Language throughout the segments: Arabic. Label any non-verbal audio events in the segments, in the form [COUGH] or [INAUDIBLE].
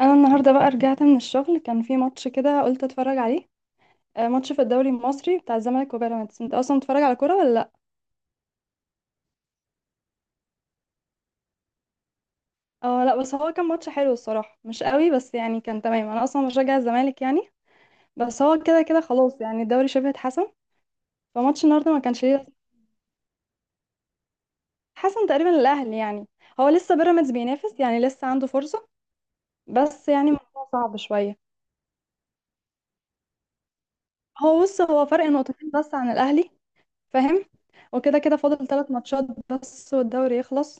انا النهارده بقى رجعت من الشغل، كان في ماتش كده قلت اتفرج عليه. آه، ماتش في الدوري المصري بتاع الزمالك وبيراميدز. انت اصلا بتتفرج على كوره ولا لا؟ اه لا، بس هو كان ماتش حلو الصراحه، مش قوي بس يعني كان تمام. انا اصلا بشجع الزمالك يعني. بس هو كده كده خلاص يعني، الدوري شبه اتحسم، فماتش النهارده ما كانش ليه. حسم تقريبا الاهلي يعني. هو لسه بيراميدز بينافس، يعني لسه عنده فرصه، بس يعني الموضوع صعب شويه. هو بص، هو فرق نقطتين بس عن الاهلي، فاهم؟ وكده كده فاضل ثلاث ماتشات بس والدوري يخلص.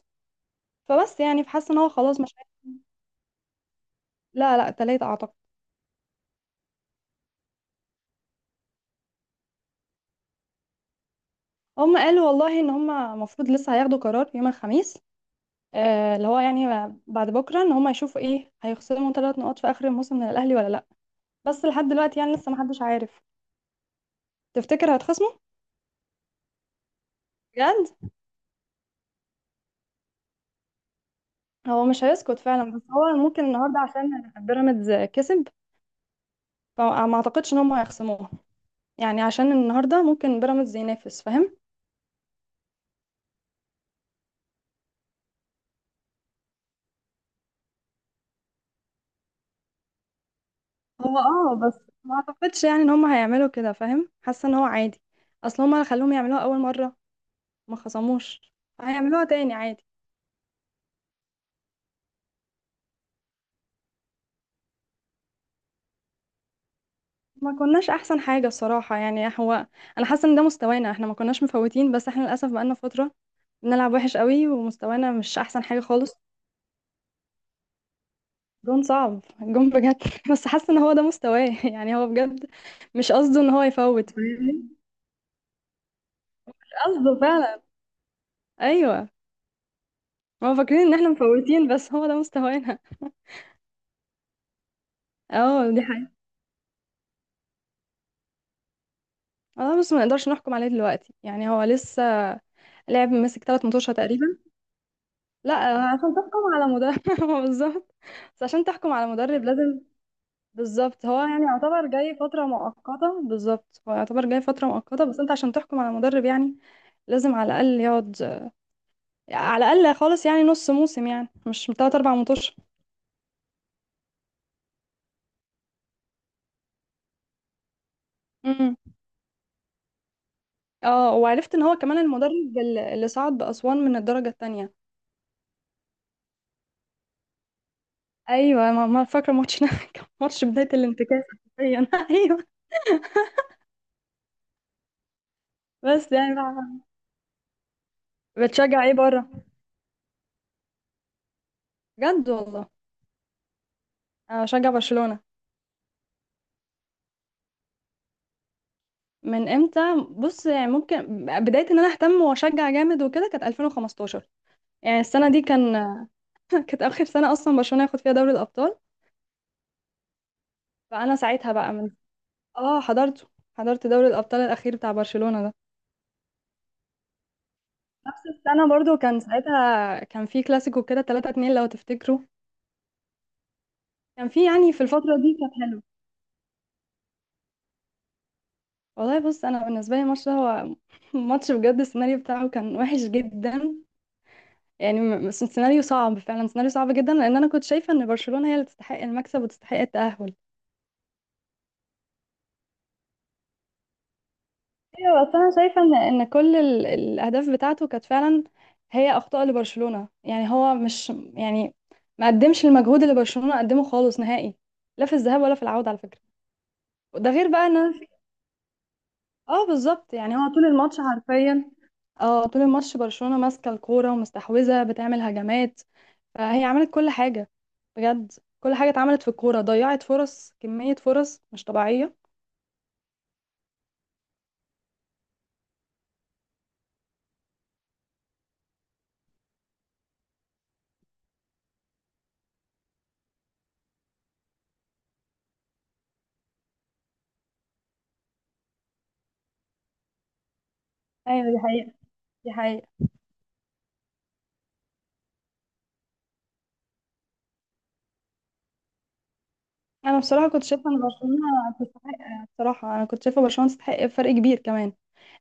فبس يعني، فحاسه ان هو خلاص مش عارف-. لا لا تلاتة اعتقد. هم قالوا والله ان هم المفروض لسه هياخدوا قرار يوم الخميس. آه اللي هو يعني بعد بكره ان هم يشوفوا ايه، هيخصموا ثلاث نقط في اخر الموسم من الاهلي ولا لا. بس لحد دلوقتي يعني لسه محدش عارف. تفتكر هتخصموا؟ بجد؟ هو مش هيسكت فعلا، بس هو ممكن النهارده عشان بيراميدز كسب، فما اعتقدش ان هم هيخصموها. يعني عشان النهارده ممكن بيراميدز ينافس، فاهم؟ هو اه بس ما اعتقدش يعني ان هم هيعملوا كده، فاهم؟ حاسه ان هو عادي. اصل هم اللي خلوهم يعملوها اول مره، ما خصموش. هيعملوها تاني عادي. ما كناش احسن حاجه بصراحه. يعني هو، انا حاسه ان ده مستوانا، احنا ما كناش مفوتين، بس احنا للاسف بقالنا فتره بنلعب وحش قوي، ومستوانا مش احسن حاجه خالص. جون صعب، جون بجد [LAUGHS] بس حاسه ان هو ده مستواه. [LAUGHS] يعني هو بجد مش قصده ان هو يفوت، فاهمني؟ مش قصده فعلا. ايوه. هما فاكرين ان احنا مفوتين بس هو ده مستوانا. اه دي حقيقة. اه بس ما نقدرش نحكم عليه دلوقتي، يعني هو لسه لعب ماسك ثلاث متوشة تقريبا. لا آه، عشان تحكم على مدرب [LAUGHS] هو بالظبط. بس عشان تحكم على مدرب لازم. بالظبط، هو يعني يعتبر جاي فترة مؤقتة. بالظبط، هو يعتبر جاي فترة مؤقتة، بس انت عشان تحكم على مدرب يعني لازم على الأقل يقعد. على الأقل خالص يعني نص موسم، يعني مش تلات أربع متوشة. امم. اه، وعرفت ان هو كمان المدرب اللي صعد بأسوان من الدرجة التانية. ايوه ما فاكرة ماتش [LAUGHS] كان ماتش بداية الانتكاسة. حرفياً. [LAUGHS] ايوه. بس يعني بقى-. بتشجع ايه بره؟ بجد والله، انا بشجع برشلونة. من امتى؟ بص يعني، ممكن بداية ان انا اهتم واشجع جامد وكده كانت 2015. يعني السنة دي كان [LAUGHS] كانت اخر سنة اصلا برشلونة ياخد فيها دوري الابطال. فانا ساعتها بقى من، اه حضرته، حضرت دوري الابطال الاخير بتاع برشلونة ده. نفس السنة برضو كان ساعتها، كان في كلاسيكو كده 3 2 لو تفتكروا. كان في يعني في الفترة دي كانت حلوة. والله بص، انا بالنسبة لي الماتش ده هو [LAUGHS] ماتش بجد السيناريو بتاعه كان وحش جدا. يعني سيناريو صعب فعلا، سيناريو صعب جدا، لان انا كنت شايفه ان برشلونه هي اللي تستحق المكسب وتستحق التاهل. ايوه بس انا شايفه ان كل الاهداف بتاعته كانت فعلا هي اخطاء لبرشلونه. يعني هو مش يعني ما قدمش المجهود اللي برشلونه قدمه خالص نهائي، لا في الذهاب ولا في العوده على فكره. ده غير بقى ان أنا-. اه بالظبط، يعني هو طول الماتش حرفيا، اه طول الماتش برشلونه ماسكه الكوره ومستحوذه بتعمل هجمات. فهي عملت كل حاجة بجد، كل حاجة اتعملت في الكورة، ضيعت فرص، كمية فرص مش طبيعية. ايوه دي حقيقة. دي حقيقة. أنا بصراحة كنت شايفة إن برشلونة تستحق. بصراحة أنا كنت شايفة برشلونة تستحق بفرق كبير كمان.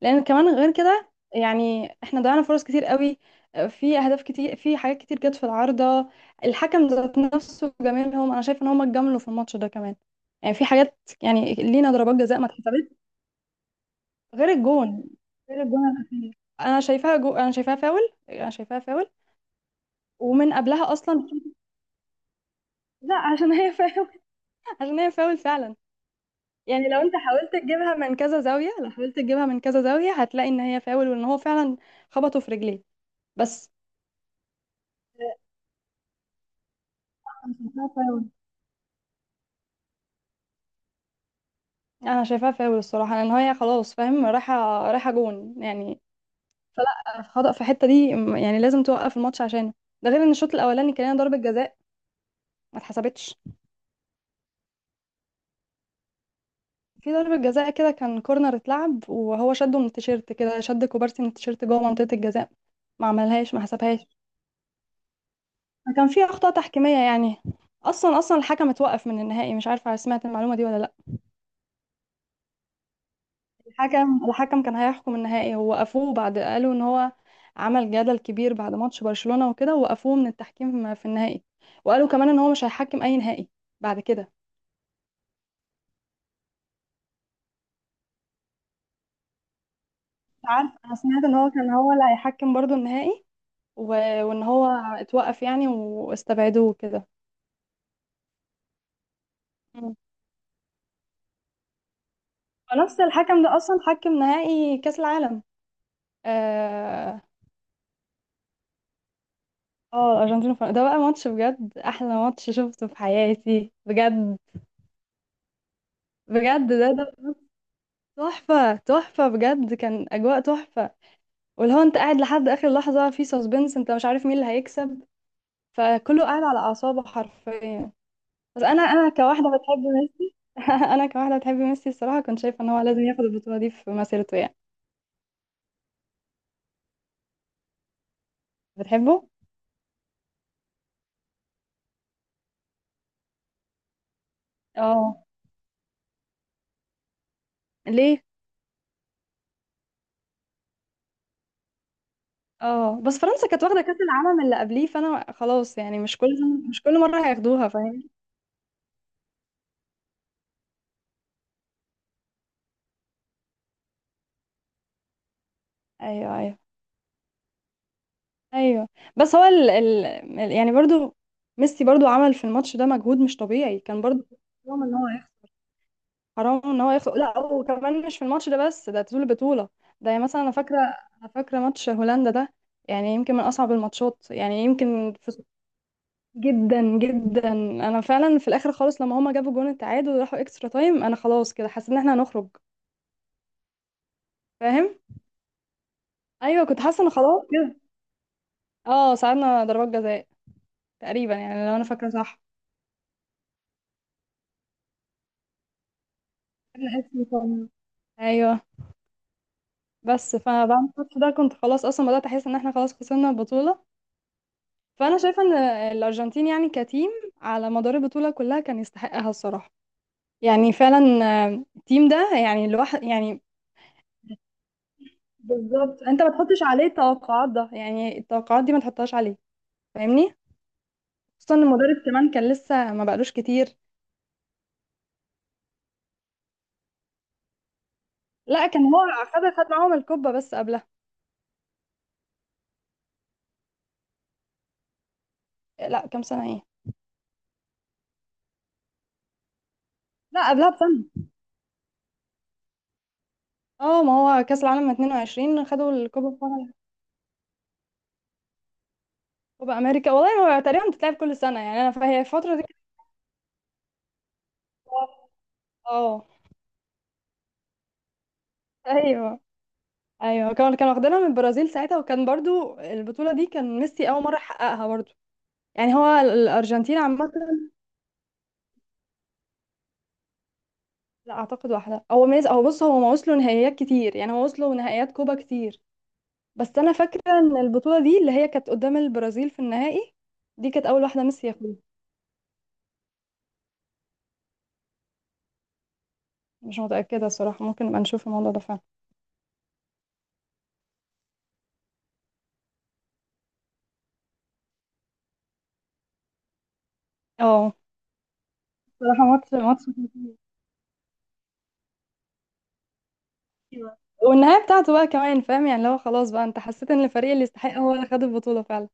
لأن كمان غير كده، يعني احنا ضيعنا فرص كتير قوي، في أهداف كتير، في حاجات كتير جت في العارضة. الحكم ذات نفسه جمالهم، أنا شايفة إن هم اتجاملوا في الماتش ده كمان. يعني في حاجات يعني لينا ضربات جزاء ما اتحسبتش. غير الجون، غير الجون الاخير. انا شايفاها جو...، انا شايفاها فاول. انا شايفاها فاول. ومن قبلها اصلا. لا عشان هي فاول. [LAUGHS] عشان هي فاول فعلا. يعني لو انت حاولت تجيبها من كذا زاويه، لو حاولت تجيبها من كذا زاويه هتلاقي ان هي فاول، وان هو فعلا خبطه في رجليه. بس أنا شايفاها فاول. انا شايفاها فاول الصراحه لان هي خلاص فاهم، رايحه رايحه جون يعني، فلا خطأ في الحته دي يعني لازم توقف الماتش عشانه. ده غير ان الشوط الاولاني كان لنا ضربه جزاء ما اتحسبتش. في ضربة جزاء كده، كان كورنر اتلعب وهو شده من التيشيرت كده، شد كوبارسي من التيشيرت جوه منطقة الجزاء، ما عملهاش ما حسبهاش. كان في أخطاء تحكيمية يعني. أصلا أصلا الحكم اتوقف من النهائي، مش عارفة سمعت المعلومة دي ولا لأ. الحكم كان هيحكم النهائي ووقفوه بعد، قالوا إن هو عمل جدل كبير بعد ماتش برشلونة وكده، ووقفوه من التحكيم في النهائي. وقالوا كمان إن هو مش هيحكم أي نهائي بعد كده. مش عارف، أنا سمعت إن هو كان هو اللي هيحكم برضو النهائي. و...، وإن هو اتوقف يعني واستبعدوه كده. مم. ونفس الحكم ده اصلا حكم نهائي كاس العالم. اه. آه، الارجنتين وفرنسا ده بقى ماتش بجد، احلى ماتش شفته في حياتي بجد. بجد ده تحفه تحفه بجد، كان اجواء تحفه، واللي هو انت قاعد لحد اخر لحظه في سسبنس، انت مش عارف مين اللي هيكسب، فكله قاعد على اعصابه حرفيا. بس انا كواحده بتحب ميسي [LAUGHS] انا كواحده بتحب ميسي الصراحه، كنت شايفه ان هو لازم ياخد البطوله دي في مسيرته يعني. بتحبه؟ اه. ليه؟ اه بس فرنسا كانت واخدة كأس العالم اللي قبليه، فانا خلاص يعني مش كل، مش كل مرة هياخدوها، فاهم؟ ايوه ايوه ايوه. بس هو ال... ال... يعني برضو ميسي برضو عمل في الماتش ده مجهود مش طبيعي كان برضو. حرام ان هو يخسر. حرام ان هو يخسر، لا وكمان مش في الماتش ده بس، ده طول البطولة. ده يعني مثلا انا فاكرة، انا فاكرة ماتش هولندا ده، يعني يمكن من اصعب الماتشات، يعني يمكن في.... جدا جدا، انا فعلا في الاخر خالص لما هما جابوا جون التعادل وراحوا اكسترا تايم، انا خلاص كده حسيت ان احنا هنخرج، فاهم؟ ايوه كنت حاسه ان خلاص كده. اه ساعدنا ضربات جزاء تقريبا، يعني لو انا فاكره صح. الحس بتاعنا. ايوه. بس فبعد الماتش ده كنت خلاص اصلا بدات احس ان احنا خلاص خسرنا البطوله. فانا شايفه ان الارجنتين يعني كتيم على مدار البطوله كلها كان يستحقها الصراحه، يعني فعلا. آه، التيم ده يعني، الواحد يعني، بالظبط. انت ما تحطش عليه التوقعات ده، يعني التوقعات دي ما تحطهاش عليه، فاهمني؟ خصوصا ان المدرب كمان كان لسه ما بقالوش كتير. لا كان هو خد معاهم الكوبا بس قبلها. لا كام سنة ايه. لا قبلها بسنة. اه ما هو كأس العالم 22 خدوا الكوبا بتاع-. كوبا أمريكا والله. هو تقريبا بتتلعب كل سنة يعني. أنا فهي الفترة دي كانت، اه ايوه ايوه، كانوا واخدينها من البرازيل ساعتها، وكان برضو البطولة دي كان ميسي أول مرة يحققها برضو. يعني هو الأرجنتين عامة. لا أعتقد واحدة، هو ميز، هو بص هو ما وصلوا نهائيات كتير، يعني هو وصلوا نهائيات كوبا كتير. بس أنا فاكرة إن البطولة دي اللي هي كانت قدام البرازيل في النهائي، دي كانت أول واحدة ميسي ياخدها. مش متأكدة الصراحة، ممكن نبقى نشوف الموضوع ده فعلا. اه بصراحة ماتش ماتش كبير. والنهاية بتاعته بقى كمان فاهم، يعني لو خلاص بقى انت حسيت ان الفريق اللي يستحق هو اللي خد البطولة فعلا.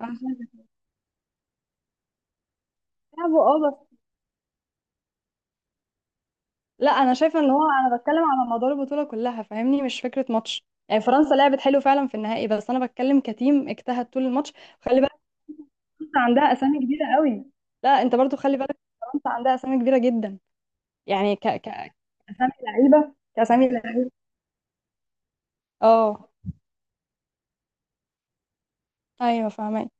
انا شايفة لعبه اه بس. لا انا شايفة ان هو، انا بتكلم على مدار البطولة كلها، فاهمني؟ مش فكرة ماتش، يعني فرنسا لعبت حلو فعلا في النهائي، بس انا بتكلم كتيم اجتهد طول الماتش. خلي بالك، فرنسا عندها اسامي كبيرة قوي. لا انت برضو خلي بالك، فرنسا عندها اسامي كبيرة جدا. يعني ك ك اسامي لعيبة كاسامي لعيبة. اه ايوه فاهمة.